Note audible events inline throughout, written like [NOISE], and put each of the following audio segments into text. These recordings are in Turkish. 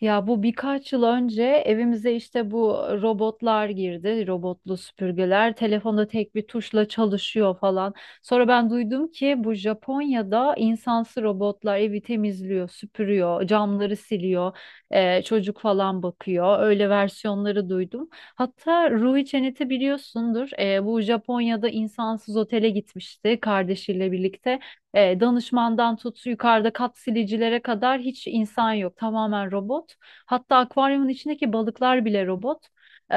Ya bu birkaç yıl önce evimize işte bu robotlar girdi, robotlu süpürgeler. Telefonda tek bir tuşla çalışıyor falan. Sonra ben duydum ki bu Japonya'da insansız robotlar evi temizliyor, süpürüyor, camları siliyor, çocuk falan bakıyor. Öyle versiyonları duydum. Hatta Ruhi Çenet'i biliyorsundur. Bu Japonya'da insansız otele gitmişti kardeşiyle birlikte. Danışmandan tut yukarıda kat silicilere kadar hiç insan yok. Tamamen robot. Hatta akvaryumun içindeki balıklar bile robot. E,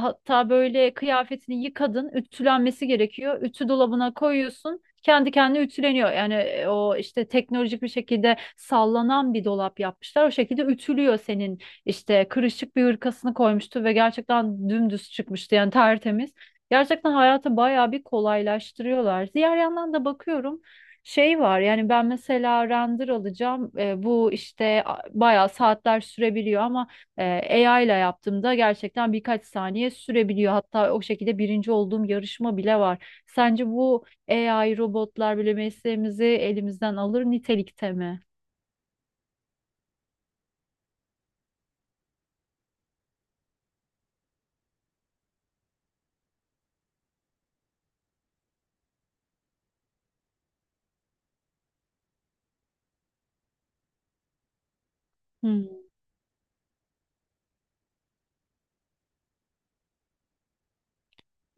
Hatta böyle kıyafetini yıkadın, ütülenmesi gerekiyor. Ütü dolabına koyuyorsun. Kendi kendine ütüleniyor. Yani o işte teknolojik bir şekilde sallanan bir dolap yapmışlar. O şekilde ütülüyor senin işte kırışık bir hırkasını koymuştu ve gerçekten dümdüz çıkmıştı yani tertemiz. Gerçekten hayatı bayağı bir kolaylaştırıyorlar. Diğer yandan da bakıyorum şey var yani ben mesela render alacağım, bu işte bayağı saatler sürebiliyor ama e, AI ile yaptığımda gerçekten birkaç saniye sürebiliyor. Hatta o şekilde birinci olduğum yarışma bile var. Sence bu AI robotlar bile mesleğimizi elimizden alır nitelikte mi?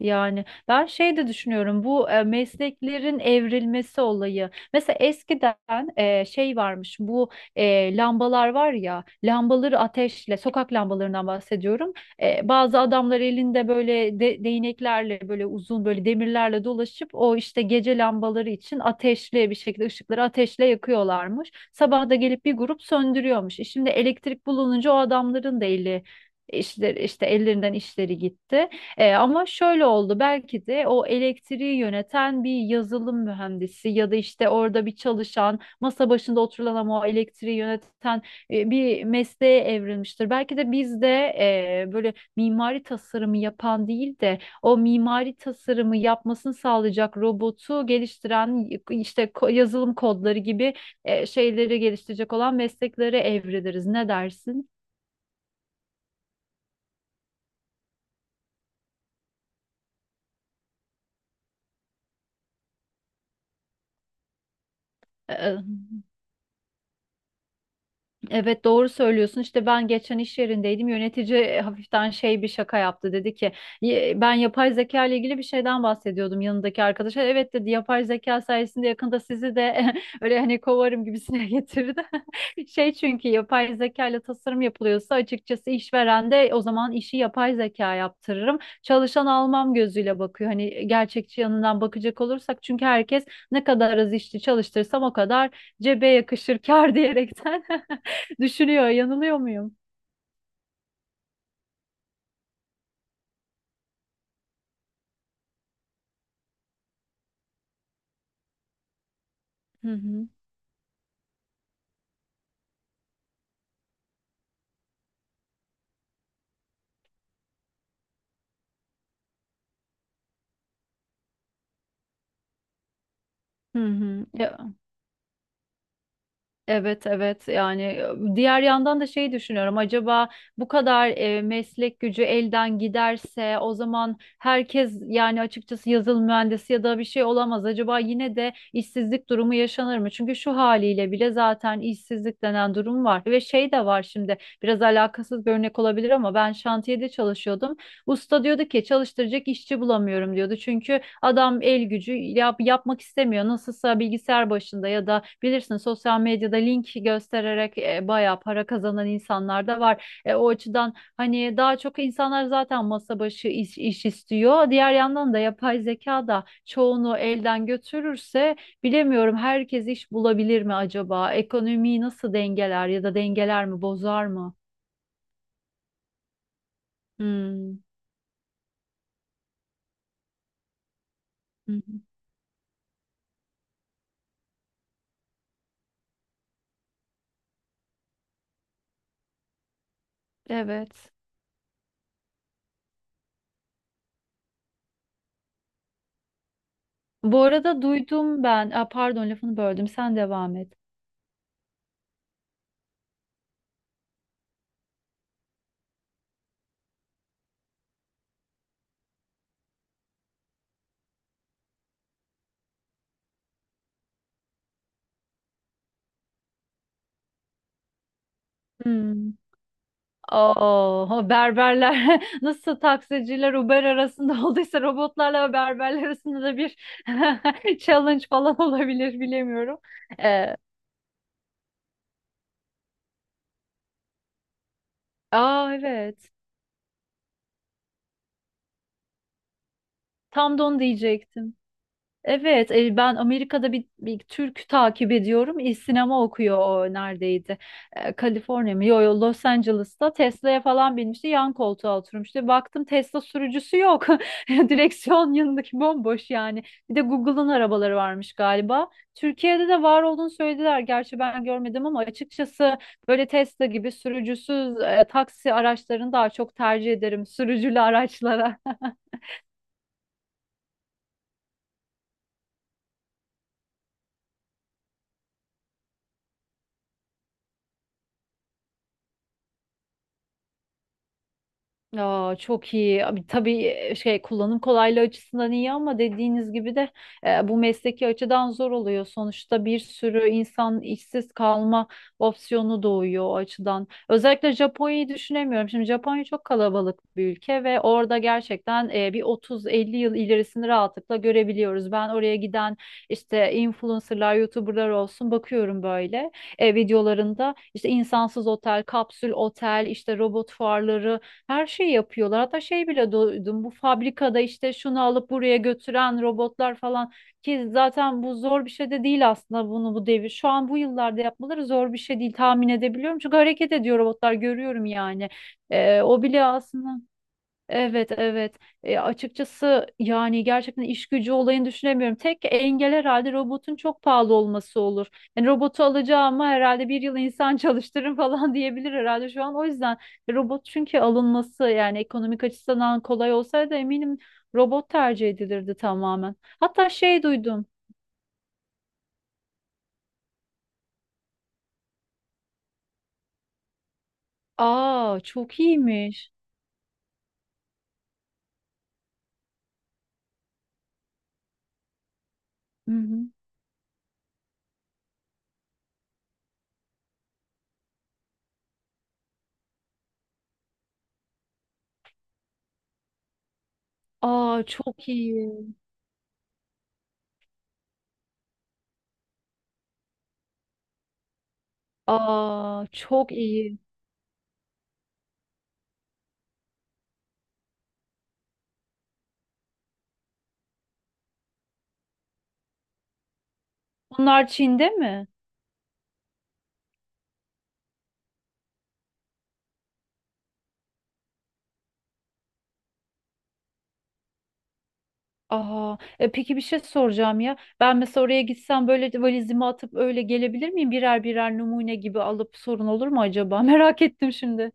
Yani ben şey de düşünüyorum, bu mesleklerin evrilmesi olayı. Mesela eskiden şey varmış, bu lambalar var ya, lambaları ateşle, sokak lambalarından bahsediyorum. Bazı adamlar elinde böyle değneklerle, böyle uzun böyle demirlerle dolaşıp o işte gece lambaları için ateşli bir şekilde ışıkları ateşle yakıyorlarmış. Sabah da gelip bir grup söndürüyormuş. Şimdi elektrik bulununca o adamların da eli işte ellerinden işleri gitti. Ama şöyle oldu, belki de o elektriği yöneten bir yazılım mühendisi ya da işte orada bir çalışan, masa başında oturulan ama o elektriği yöneten bir mesleğe evrilmiştir. Belki de biz de böyle mimari tasarımı yapan değil de o mimari tasarımı yapmasını sağlayacak robotu geliştiren, işte yazılım kodları gibi şeyleri geliştirecek olan mesleklere evriliriz. Ne dersin? Evet, doğru söylüyorsun. İşte ben geçen iş yerindeydim. Yönetici hafiften şey, bir şaka yaptı. Dedi ki, " ben yapay zeka ile ilgili bir şeyden bahsediyordum yanındaki arkadaşa. Evet, dedi, yapay zeka sayesinde yakında sizi de [LAUGHS] öyle hani kovarım gibisine getirdi. [LAUGHS] Şey, çünkü yapay zeka ile tasarım yapılıyorsa açıkçası işveren de o zaman işi yapay zeka yaptırırım, çalışan almam gözüyle bakıyor. Hani gerçekçi yanından bakacak olursak, çünkü herkes ne kadar az işçi çalıştırsam o kadar cebe yakışır kar diyerekten [LAUGHS] düşürüyor. Yanılıyor muyum? Hı hı. Hı hı. Ya, evet, evet, yani diğer yandan da şeyi düşünüyorum, acaba bu kadar meslek gücü elden giderse o zaman herkes, yani açıkçası yazılım mühendisi ya da bir şey olamaz, acaba yine de işsizlik durumu yaşanır mı? Çünkü şu haliyle bile zaten işsizlik denen durum var ve şey de var. Şimdi biraz alakasız bir örnek olabilir ama ben şantiyede çalışıyordum. Usta diyordu ki çalıştıracak işçi bulamıyorum diyordu. Çünkü adam el gücü yapmak istemiyor. Nasılsa bilgisayar başında ya da bilirsin sosyal medyada link göstererek bayağı para kazanan insanlar da var. O açıdan hani daha çok insanlar zaten masa başı iş istiyor. Diğer yandan da yapay zeka da çoğunu elden götürürse bilemiyorum, herkes iş bulabilir mi acaba? Ekonomiyi nasıl dengeler, ya da dengeler mi, bozar mı? Hmm. Hı hı. Evet. Bu arada duydum ben. Aa, pardon, lafını böldüm. Sen devam et. Hmm. Oh, berberler [LAUGHS] nasıl taksiciler Uber arasında [LAUGHS] olduysa robotlarla berberler arasında da bir [LAUGHS] challenge falan olabilir, bilemiyorum. Ee, aa, evet. Tam da onu diyecektim. Evet, ben Amerika'da bir Türk takip ediyorum. Sinema okuyor, o neredeydi? Kaliforniya mı? Yo, yo, Los Angeles'ta Tesla'ya falan binmişti. Yan koltuğa oturmuştu. Baktım Tesla sürücüsü yok. [LAUGHS] Direksiyon yanındaki bomboş yani. Bir de Google'ın arabaları varmış galiba. Türkiye'de de var olduğunu söylediler. Gerçi ben görmedim ama açıkçası böyle Tesla gibi sürücüsüz taksi araçlarını daha çok tercih ederim sürücülü araçlara. [LAUGHS] Aa, çok iyi. Abi, tabii şey, kullanım kolaylığı açısından iyi ama dediğiniz gibi de bu mesleki açıdan zor oluyor. Sonuçta bir sürü insan işsiz kalma opsiyonu doğuyor o açıdan. Özellikle Japonya'yı düşünemiyorum. Şimdi Japonya çok kalabalık bir ülke ve orada gerçekten bir 30-50 yıl ilerisini rahatlıkla görebiliyoruz. Ben oraya giden işte influencerlar, YouTuber'lar olsun bakıyorum, böyle videolarında işte insansız otel, kapsül otel, işte robot fuarları, her şeyi yapıyorlar. Hatta şey bile duydum. Bu fabrikada işte şunu alıp buraya götüren robotlar falan, ki zaten bu zor bir şey de değil aslında, bunu bu devir, şu an bu yıllarda yapmaları zor bir şey değil, tahmin edebiliyorum. Çünkü hareket ediyor robotlar, görüyorum yani. O bile aslında. Evet, evet. Açıkçası yani gerçekten iş gücü olayını düşünemiyorum. Tek engel herhalde robotun çok pahalı olması olur. Yani robotu alacağıma herhalde bir yıl insan çalıştırırım [LAUGHS] falan diyebilir herhalde şu an. O yüzden robot, çünkü alınması yani ekonomik açısından kolay olsaydı eminim robot tercih edilirdi tamamen. Hatta şey duydum. Aa, çok iyiymiş. Hı hı. Aa, çok iyi. Aa, çok iyi. Bunlar Çin'de mi? Aha, peki, bir şey soracağım ya. Ben mesela oraya gitsem böyle de valizimi atıp öyle gelebilir miyim? Birer birer numune gibi alıp sorun olur mu acaba? [LAUGHS] Merak ettim şimdi.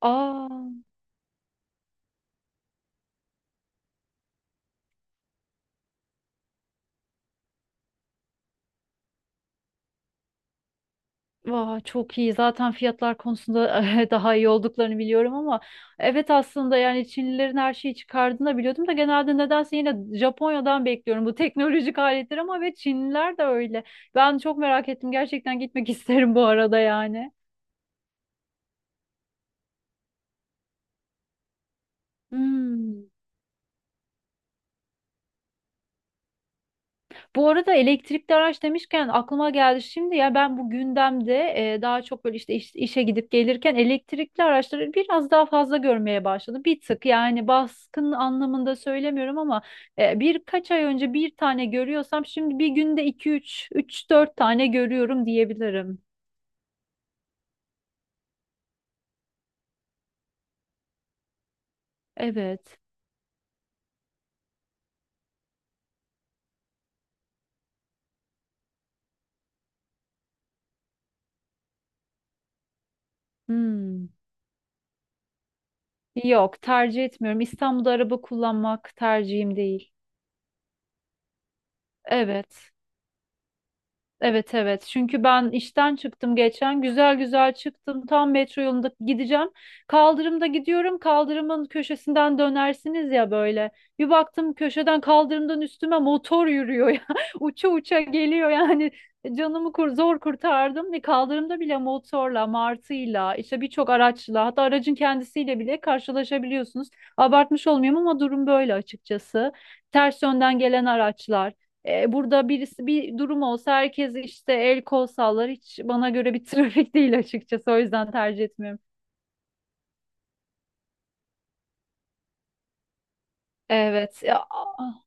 Aa, vah, çok iyi. Zaten fiyatlar konusunda [LAUGHS] daha iyi olduklarını biliyorum ama evet, aslında yani Çinlilerin her şeyi çıkardığını da biliyordum da genelde nedense yine Japonya'dan bekliyorum bu [LAUGHS] teknolojik aletler, ama ve Çinliler de öyle. Ben çok merak ettim. Gerçekten gitmek [LAUGHS] isterim bu arada yani. Hmm. Bu arada elektrikli araç demişken aklıma geldi şimdi ya, ben bu gündemde daha çok böyle işte işe gidip gelirken elektrikli araçları biraz daha fazla görmeye başladım. Bir tık, yani baskın anlamında söylemiyorum ama birkaç ay önce bir tane görüyorsam şimdi bir günde iki üç, üç dört tane görüyorum diyebilirim. Evet. Hmm. Yok, tercih etmiyorum. İstanbul'da araba kullanmak tercihim değil. Evet. Evet, evet, çünkü ben işten çıktım geçen, güzel güzel çıktım, tam metro yolunda gideceğim, kaldırımda gidiyorum, kaldırımın köşesinden dönersiniz ya böyle, bir baktım köşeden, kaldırımdan üstüme motor yürüyor ya, [LAUGHS] uça uça geliyor yani. Canımı kur, zor kurtardım ve kaldırımda bile motorla, martıyla, işte birçok araçla, hatta aracın kendisiyle bile karşılaşabiliyorsunuz. Abartmış olmayayım ama durum böyle açıkçası, ters yönden gelen araçlar. Burada birisi bir durum olsa herkes işte el kol sallar. Hiç bana göre bir [LAUGHS] trafik değil açıkçası. O yüzden tercih etmiyorum. Evet. Ya, ah,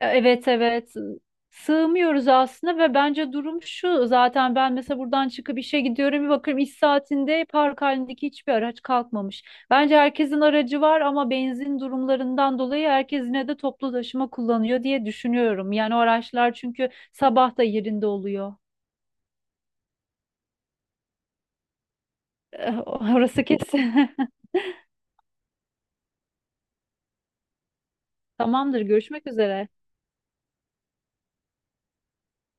evet, evet. Sığmıyoruz aslında ve bence durum şu. Zaten ben mesela buradan çıkıp işe gidiyorum, bir bakıyorum iş saatinde park halindeki hiçbir araç kalkmamış. Bence herkesin aracı var ama benzin durumlarından dolayı herkes yine de toplu taşıma kullanıyor diye düşünüyorum. Yani o araçlar çünkü sabah da yerinde oluyor. Eh, orası kesin. [LAUGHS] Tamamdır, görüşmek üzere.